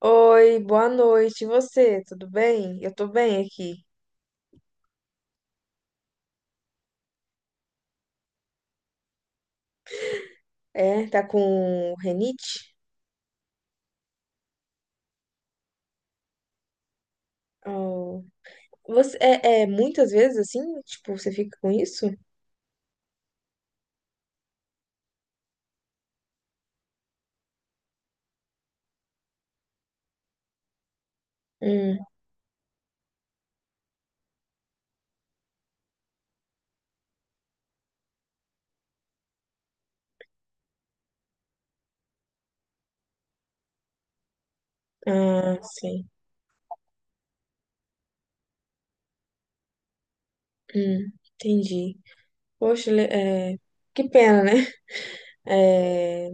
Oi, boa noite. E você, tudo bem? Eu tô bem aqui. É, tá com renite? Oh. Você é muitas vezes assim? Tipo, você fica com isso? Hum, ah, sim. Hum, entendi. Poxa, que pena, né? É,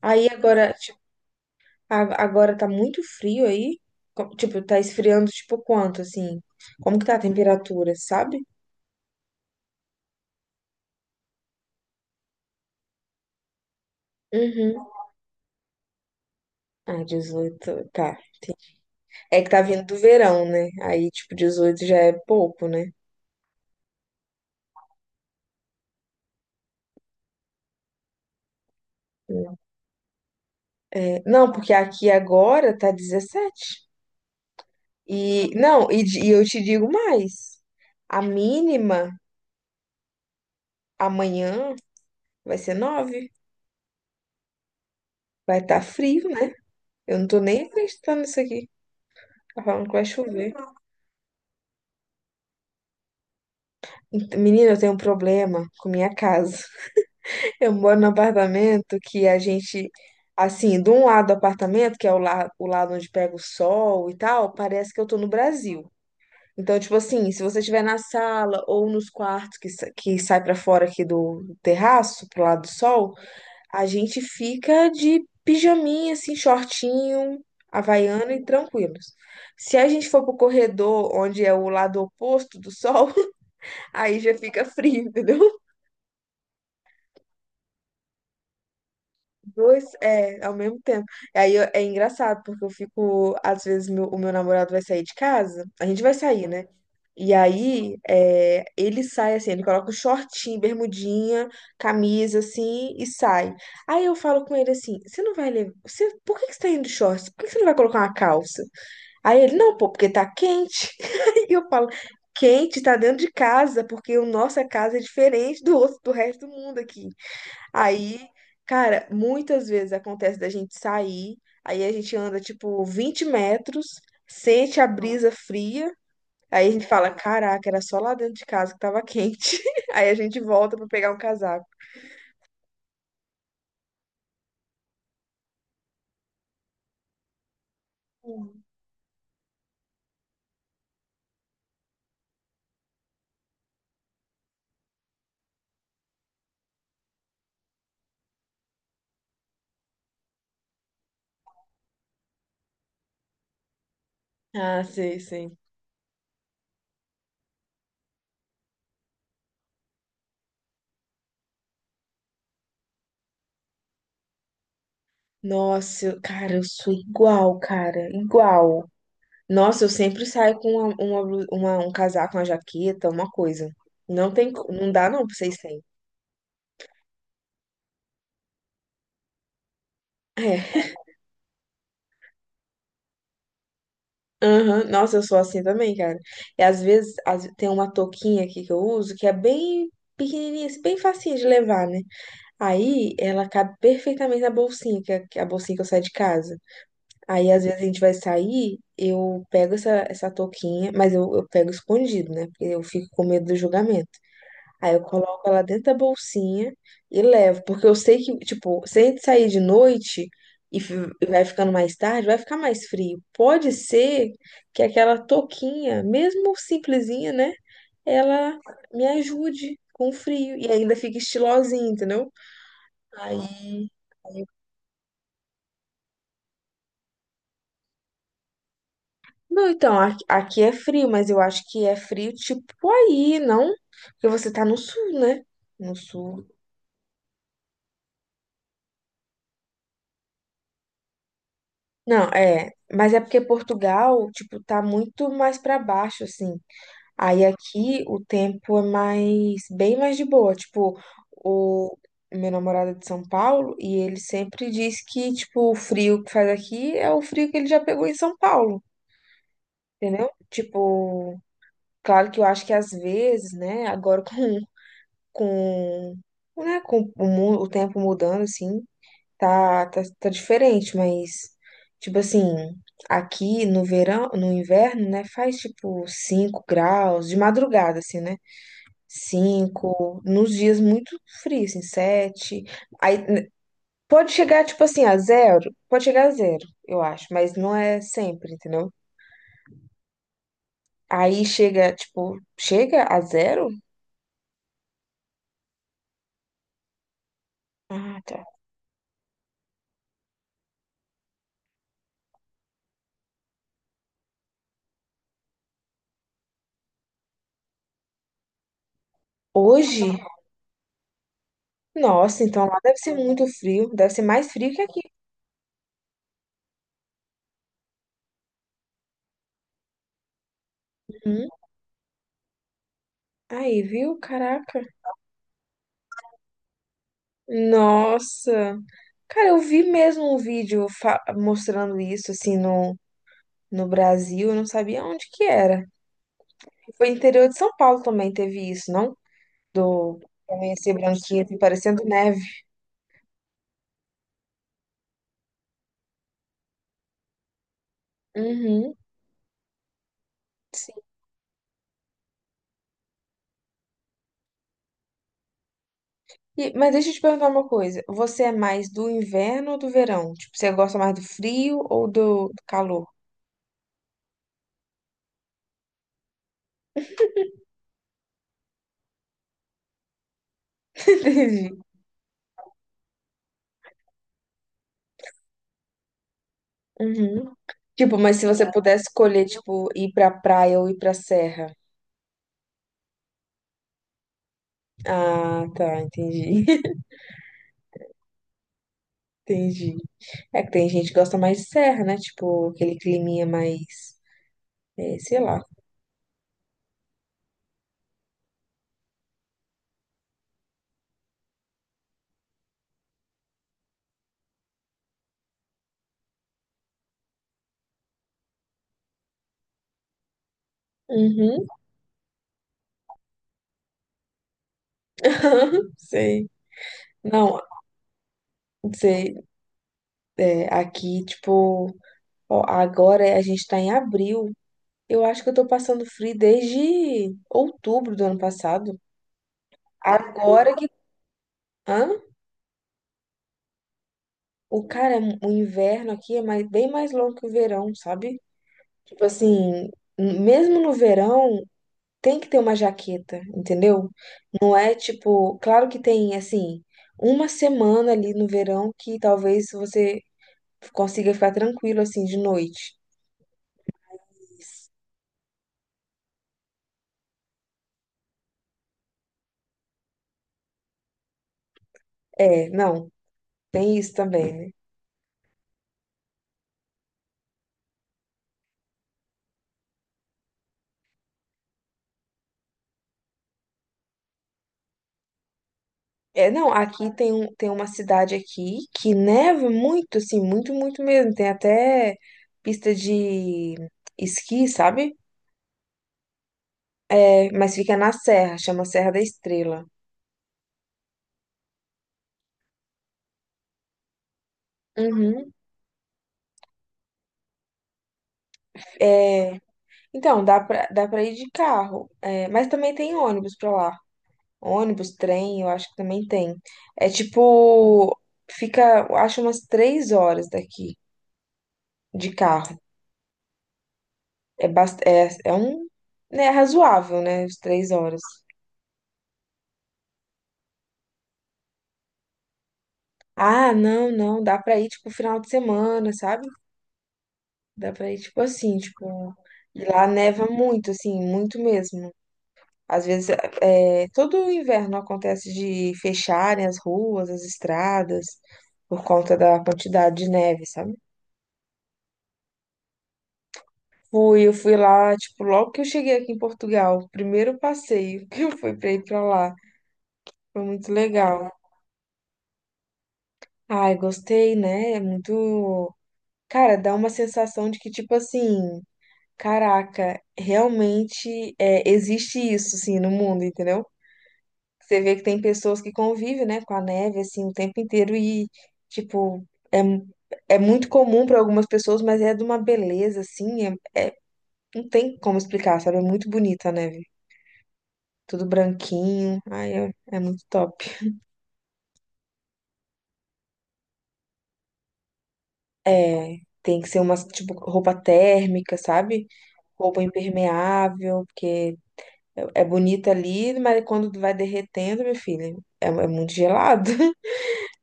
aí agora, tipo, agora tá muito frio aí. Tipo, tá esfriando tipo quanto assim? Como que tá a temperatura, sabe? Uhum. Ah, 18. Tá. É que tá vindo do verão, né? Aí, tipo, 18 já é pouco, né? É, não, porque aqui agora tá 17. E, não, e eu te digo mais. A mínima amanhã vai ser 9. Vai estar frio, né? Eu não tô nem acreditando nisso aqui. Tá falando que vai chover. Menina, eu tenho um problema com minha casa. Eu moro num apartamento que a gente, assim, de um lado do apartamento, que é o lado onde pega o sol e tal, parece que eu tô no Brasil. Então, tipo assim, se você estiver na sala ou nos quartos que, que sai pra fora aqui do terraço, pro lado do sol, a gente fica de pijaminha, assim, shortinho, havaiana e tranquilos. Se a gente for pro corredor, onde é o lado oposto do sol, aí já fica frio, entendeu? Dois, ao mesmo tempo. É engraçado, porque eu fico, às vezes, o meu namorado vai sair de casa, a gente vai sair, né? E aí ele sai assim, ele coloca o shortinho, bermudinha, camisa assim e sai. Aí eu falo com ele assim: você não vai levar. Você, por que que você tá indo de shorts? Por que que você não vai colocar uma calça? Aí ele, não, pô, porque tá quente. E eu falo, quente, tá dentro de casa, porque o nossa casa é diferente do outro, do resto do mundo aqui. Aí, cara, muitas vezes acontece da gente sair, aí a gente anda tipo 20 metros, sente a brisa fria, aí a gente fala, caraca, era só lá dentro de casa que tava quente. Aí a gente volta pra pegar um casaco. Sim. Ah, sei, sei. Nossa, cara, eu sou igual, cara, igual. Nossa, eu sempre saio com um casaco, uma jaqueta, uma coisa. Não tem, não dá não pra vocês sem. É. Aham, nossa, eu sou assim também, cara. E às vezes tem uma touquinha aqui que eu uso que é bem pequenininha, assim, bem facinha de levar, né? Aí ela cabe perfeitamente na bolsinha, que é a bolsinha que eu saio de casa. Aí às vezes a gente vai sair, eu pego essa touquinha, mas eu pego escondido, né? Porque eu fico com medo do julgamento. Aí eu coloco ela dentro da bolsinha e levo, porque eu sei que, tipo, se a gente sair de noite e fi- e vai ficando mais tarde, vai ficar mais frio. Pode ser que aquela touquinha, mesmo simplesinha, né, ela me ajude com o frio e ainda fica estilosinha, entendeu? Aí. Não, então, aqui é frio, mas eu acho que é frio tipo aí, não? Porque você tá no sul, né? No sul. Não, mas é porque Portugal, tipo, tá muito mais pra baixo, assim. Aí aqui o tempo é mais, bem mais de boa. Tipo, o meu namorado é de São Paulo e ele sempre diz que, tipo, o frio que faz aqui é o frio que ele já pegou em São Paulo, entendeu? Tipo, claro que eu acho que às vezes, né, agora com, né, com o tempo mudando, assim, tá diferente, mas, tipo assim, aqui no verão, no inverno, né, faz tipo 5 graus, de madrugada, assim, né? 5 nos dias muito frios, assim, 7. Aí né, pode chegar, tipo assim, a zero, pode chegar a zero, eu acho, mas não é sempre, entendeu? Aí chega, tipo, chega a zero? Ah, tá. Hoje? Nossa, então lá deve ser muito frio, deve ser mais frio que aqui. Hum, aí, viu? Caraca. Nossa. Cara, eu vi mesmo um vídeo mostrando isso, assim, no Brasil. Eu não sabia onde que era. Foi interior de São Paulo também teve isso, não? Do amanhecer branquinho, assim, parecendo neve. Uhum. Sim. Mas deixa eu te perguntar uma coisa. Você é mais do inverno ou do verão? Tipo, você gosta mais do frio ou do calor? Entendi. Uhum. Tipo, mas se você pudesse escolher, tipo, ir pra praia ou ir pra serra. Ah, tá, entendi. Entendi. É que tem gente que gosta mais de serra, né? Tipo, aquele climinha mais, sei lá. Uhum. Sei. Não, sei. É, aqui, tipo, ó, agora a gente tá em abril. Eu acho que eu tô passando frio desde outubro do ano passado. Agora que. Hã? O cara, o inverno aqui é mais, bem mais longo que o verão, sabe? Tipo assim, mesmo no verão, tem que ter uma jaqueta, entendeu? Não é tipo, claro que tem assim, uma semana ali no verão que talvez você consiga ficar tranquilo assim de noite. É, não, tem isso também, né? É, não, aqui tem uma cidade aqui que neva muito, assim, muito, muito mesmo. Tem até pista de esqui, sabe? É, mas fica na serra, chama Serra da Estrela. Uhum. É, então, dá pra ir de carro, mas também tem ônibus pra lá. Ônibus, trem, eu acho que também tem. É tipo, fica, eu acho umas 3 horas daqui de carro. É, é um, né, razoável, né, as 3 horas. Ah, não, não, dá pra ir, tipo, final de semana, sabe? Dá pra ir, tipo, assim, tipo, e lá neva muito, assim, muito mesmo. Às vezes, todo inverno acontece de fecharem as ruas, as estradas, por conta da quantidade de neve, sabe? Fui, eu fui lá, tipo, logo que eu cheguei aqui em Portugal, o primeiro passeio que eu fui pra ir pra lá. Foi muito legal. Ai, gostei, né? É muito. Cara, dá uma sensação de que, tipo assim, caraca, realmente existe isso, assim, no mundo, entendeu? Você vê que tem pessoas que convivem, né, com a neve, assim, o tempo inteiro e, tipo, é, é muito comum para algumas pessoas, mas é de uma beleza, assim, é- não tem como explicar, sabe? É muito bonita a neve. Tudo branquinho, ai, é muito top. É, tem que ser umas, tipo, roupa térmica, sabe? Roupa impermeável, porque é bonita ali, mas quando vai derretendo, meu filho, é muito gelado.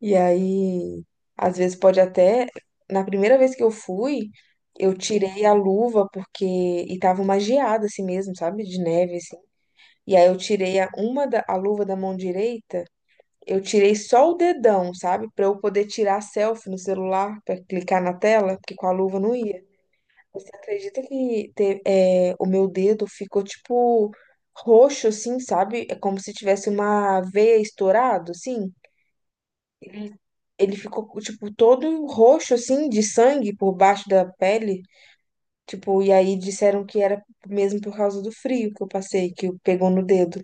E aí, às vezes pode até. Na primeira vez que eu fui, eu tirei a luva porque. E tava uma geada assim mesmo, sabe? De neve, assim. E aí eu tirei a luva da mão direita, eu tirei só o dedão, sabe? Pra eu poder tirar selfie no celular, pra clicar na tela, porque com a luva não ia. Você acredita que o meu dedo ficou tipo roxo, assim, sabe? É como se tivesse uma veia estourado, assim ele ficou, tipo, todo roxo, assim, de sangue por baixo da pele. Tipo, e aí disseram que era mesmo por causa do frio que eu passei, que pegou no dedo.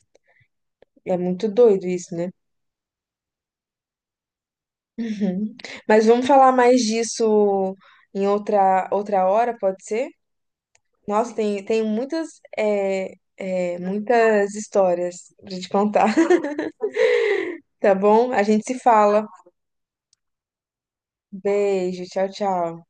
É muito doido isso, né? Uhum. Mas vamos falar mais disso em outra hora, pode ser? Nossa, tem muitas, muitas histórias pra te contar. Tá bom? A gente se fala. Beijo, tchau, tchau.